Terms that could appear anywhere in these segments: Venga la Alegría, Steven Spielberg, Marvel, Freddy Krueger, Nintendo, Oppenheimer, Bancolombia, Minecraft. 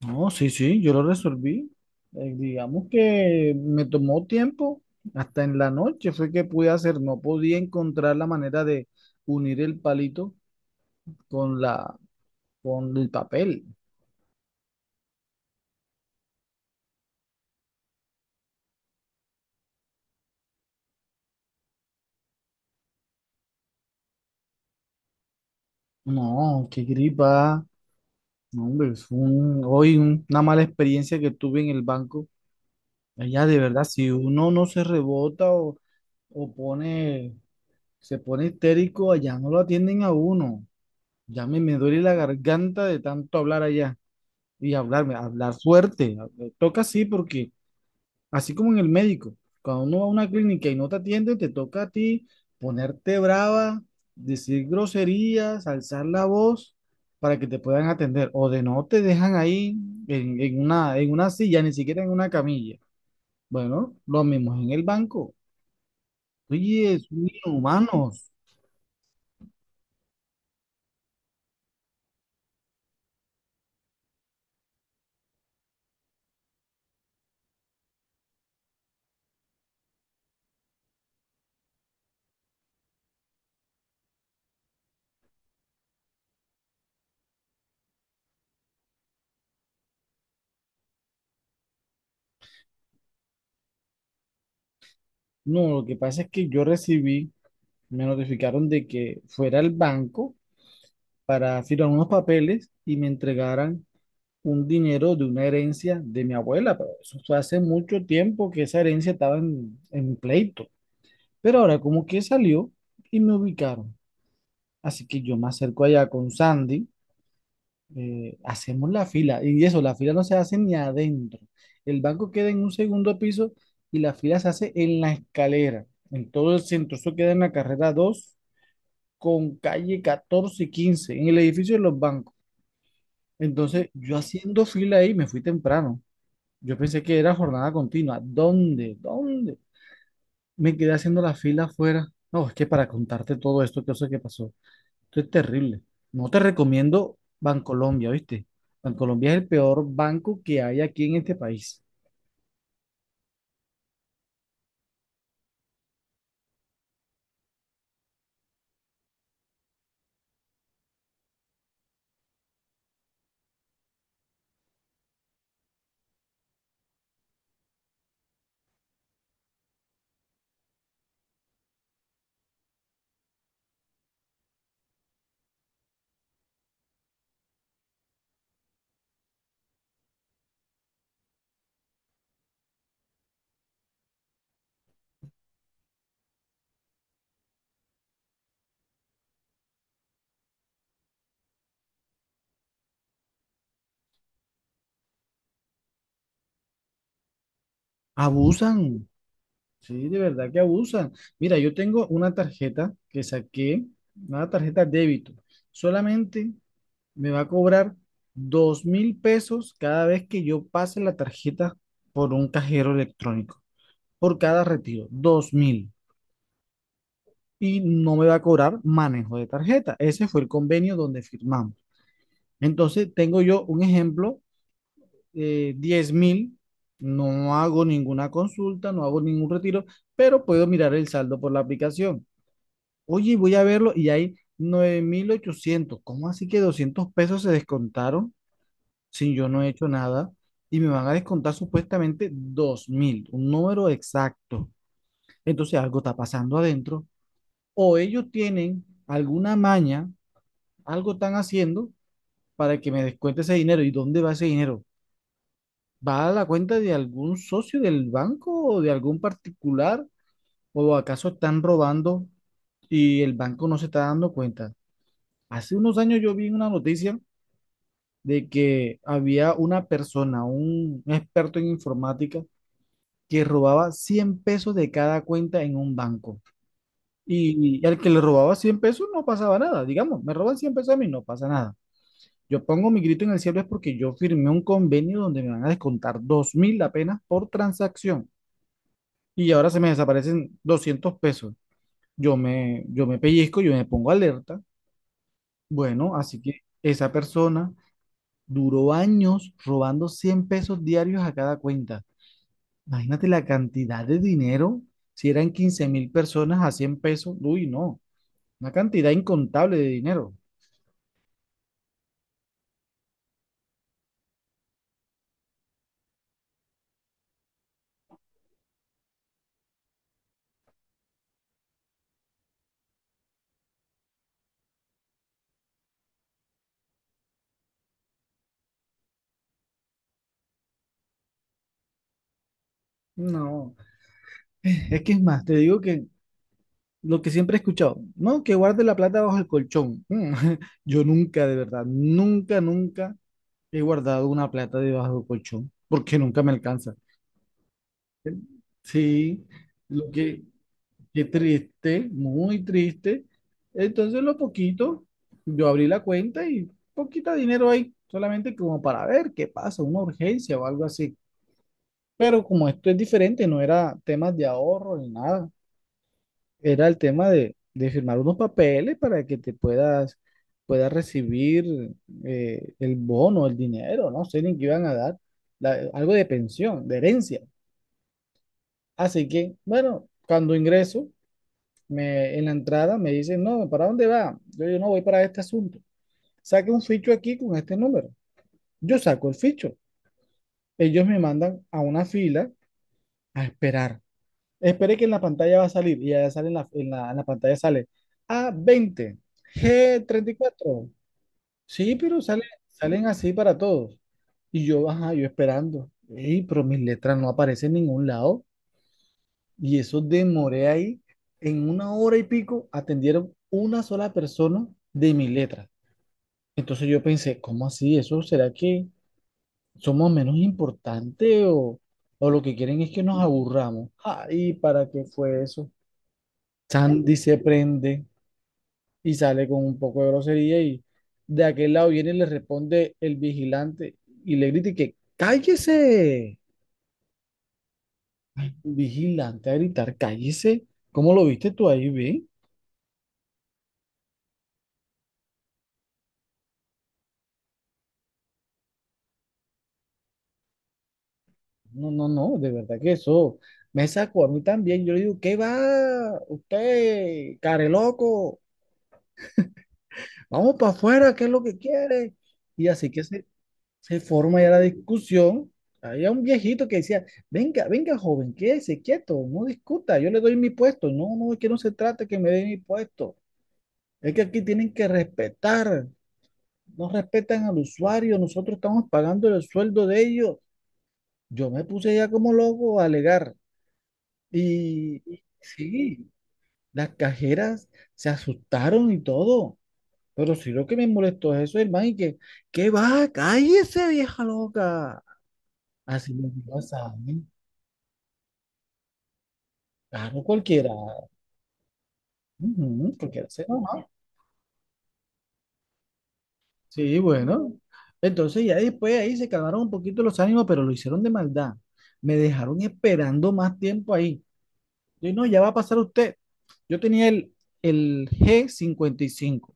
No, sí, sí, yo lo resolví. Digamos que me tomó tiempo, hasta en la noche fue que pude hacer, no podía encontrar la manera de unir el palito con la, con el papel. No, qué gripa. No, hombre, fue un- hoy un- una mala experiencia que tuve en el banco. Allá de verdad, si uno no se rebota o, o pone, se pone histérico, allá no lo atienden a uno. Me duele la garganta de tanto hablar allá y hablar fuerte. Toca así porque, así como en el médico, cuando uno va a una clínica y no te atienden, te toca a ti ponerte brava, decir groserías, alzar la voz para que te puedan atender. O de no te dejan ahí en una en una, silla, ni siquiera en una camilla. Bueno, lo mismo es en el banco. Oye, son humanos. No, lo que pasa es que me notificaron de que fuera al banco para firmar unos papeles y me entregaran un dinero de una herencia de mi abuela, pero eso fue hace mucho tiempo que esa herencia estaba en pleito. Pero ahora como que salió y me ubicaron. Así que yo me acerco allá con Sandy, hacemos la fila, y eso, la fila no se hace ni adentro. El banco queda en un segundo piso y la fila se hace en la escalera, en todo el centro. Eso queda en la carrera 2 con calle 14 y 15 en el edificio de los bancos. Entonces, yo haciendo fila ahí, me fui temprano. Yo pensé que era jornada continua. ¿Dónde? ¿Dónde? Me quedé haciendo la fila afuera. No, es que para contarte todo esto, qué cosa que pasó. Esto es terrible. No te recomiendo Bancolombia, ¿viste? Bancolombia es el peor banco que hay aquí en este país. Abusan. Sí, de verdad que abusan. Mira, yo tengo una tarjeta que saqué, una tarjeta débito. Solamente me va a cobrar 2.000 pesos cada vez que yo pase la tarjeta por un cajero electrónico. Por cada retiro, 2.000. Y no me va a cobrar manejo de tarjeta. Ese fue el convenio donde firmamos. Entonces, tengo yo un ejemplo, 10.000. No hago ninguna consulta, no hago ningún retiro, pero puedo mirar el saldo por la aplicación. Oye, voy a verlo y hay 9.800. ¿Cómo así que 200 pesos se descontaron si yo no he hecho nada? Y me van a descontar supuestamente 2.000, un número exacto. Entonces algo está pasando adentro, o ellos tienen alguna maña, algo están haciendo para que me descuente ese dinero. ¿Y dónde va ese dinero? ¿Va a la cuenta de algún socio del banco o de algún particular? ¿O acaso están robando y el banco no se está dando cuenta? Hace unos años yo vi una noticia de que había una persona, un experto en informática, que robaba 100 pesos de cada cuenta en un banco. Y al que le robaba 100 pesos no pasaba nada. Digamos, me roban 100 pesos a mí, no pasa nada. Yo pongo mi grito en el cielo es porque yo firmé un convenio donde me van a descontar 2.000 apenas por transacción y ahora se me desaparecen 200 pesos. Yo me pellizco, yo me pongo alerta. Bueno, así que esa persona duró años robando 100 pesos diarios a cada cuenta. Imagínate la cantidad de dinero. Si eran 15.000 personas a 100 pesos, uy, no, una cantidad incontable de dinero. No, es que es más, te digo que lo que siempre he escuchado, no, que guarde la plata bajo el colchón. Yo nunca, de verdad, nunca, nunca he guardado una plata debajo del colchón, porque nunca me alcanza. Sí, lo que, qué triste, muy triste. Entonces, lo poquito, yo abrí la cuenta y poquito dinero ahí, solamente como para ver qué pasa, una urgencia o algo así. Pero como esto es diferente, no era temas de ahorro ni nada. Era el tema de firmar unos papeles para que puedas recibir el bono, el dinero, no sé ni qué iban a dar, algo de pensión, de herencia. Así que, bueno, cuando ingreso, en la entrada me dicen, no, ¿para dónde va? Yo no voy para este asunto. Saque un ficho aquí con este número. Yo saco el ficho. Ellos me mandan a una fila a esperar. Esperé que en la pantalla va a salir y ya sale en la pantalla sale a veinte G34. Sí, pero sale, salen así para todos. Y yo, ajá, yo esperando. Ey, pero mis letras no aparecen en ningún lado. Y eso demoré ahí. En una hora y pico atendieron una sola persona de mis letras. Entonces yo pensé, ¿cómo así? ¿Eso será que somos menos importantes o lo que quieren es que nos aburramos? Ay, ¿para qué fue eso? Sandy se prende y sale con un poco de grosería y de aquel lado viene y le responde el vigilante y le grita y que cállese. Ay, un vigilante a gritar, cállese. ¿Cómo lo viste tú ahí, ve? No, no, no, de verdad que eso me sacó a mí también. Yo le digo, ¿qué va? Usted, care loco, vamos para afuera, ¿qué es lo que quiere? Y así que se forma ya la discusión. Había un viejito que decía, venga, venga joven, quédese quieto, no discuta, yo le doy mi puesto. No, no, es que no se trata que me dé mi puesto. Es que aquí tienen que respetar, no respetan al usuario, nosotros estamos pagando el sueldo de ellos. Yo me puse ya como loco a alegar. Y sí, las cajeras se asustaron y todo. Pero sí lo que me molestó es eso, hermano, ¿qué va? Cállese, vieja loca. Así lo pasa, claro, cualquiera. Ujú, cualquiera. Ajá. Sí, bueno. Entonces ya después ahí se calmaron un poquito los ánimos, pero lo hicieron de maldad. Me dejaron esperando más tiempo ahí. Yo no, ya va a pasar usted. Yo tenía el G55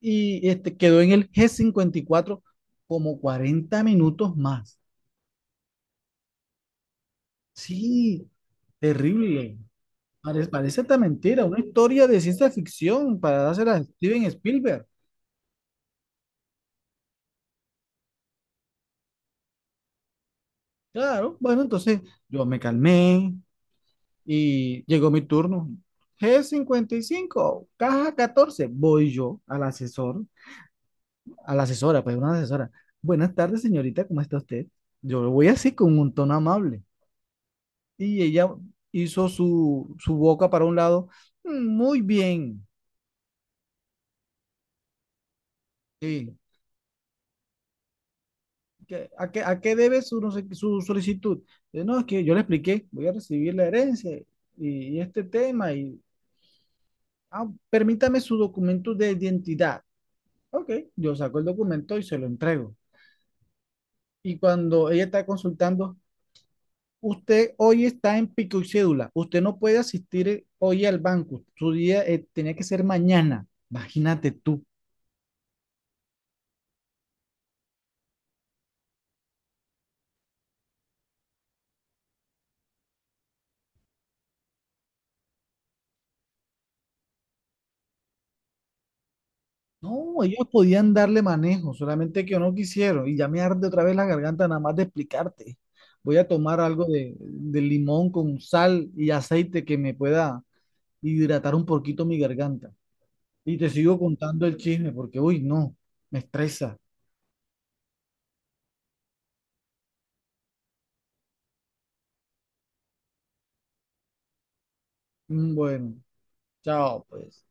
y este quedó en el G54 como 40 minutos más. Sí, terrible. Parece, parece esta mentira, una historia de ciencia ficción para dársela a Steven Spielberg. Claro, bueno, entonces yo me calmé y llegó mi turno. G55, caja 14, voy yo al asesor, a la asesora, pues una asesora. Buenas tardes, señorita, ¿cómo está usted? Yo lo voy así con un tono amable. Y ella hizo su boca para un lado. "Mm, muy bien. Sí. ¿A a qué debe su, no sé qué, su solicitud? Yo, no, es que yo le expliqué, voy a recibir la herencia y, y este tema Ah, permítame su documento de identidad. Ok, yo saco el documento y se lo entrego. Y cuando ella está consultando, usted hoy está en pico y cédula, usted no puede asistir hoy al banco, su día tenía que ser mañana. Imagínate tú. No, ellos podían darle manejo, solamente que no quisieron. Y ya me arde otra vez la garganta nada más de explicarte. Voy a tomar algo de limón con sal y aceite que me pueda hidratar un poquito mi garganta. Y te sigo contando el chisme porque, uy, no, me estresa. Bueno, chao, pues.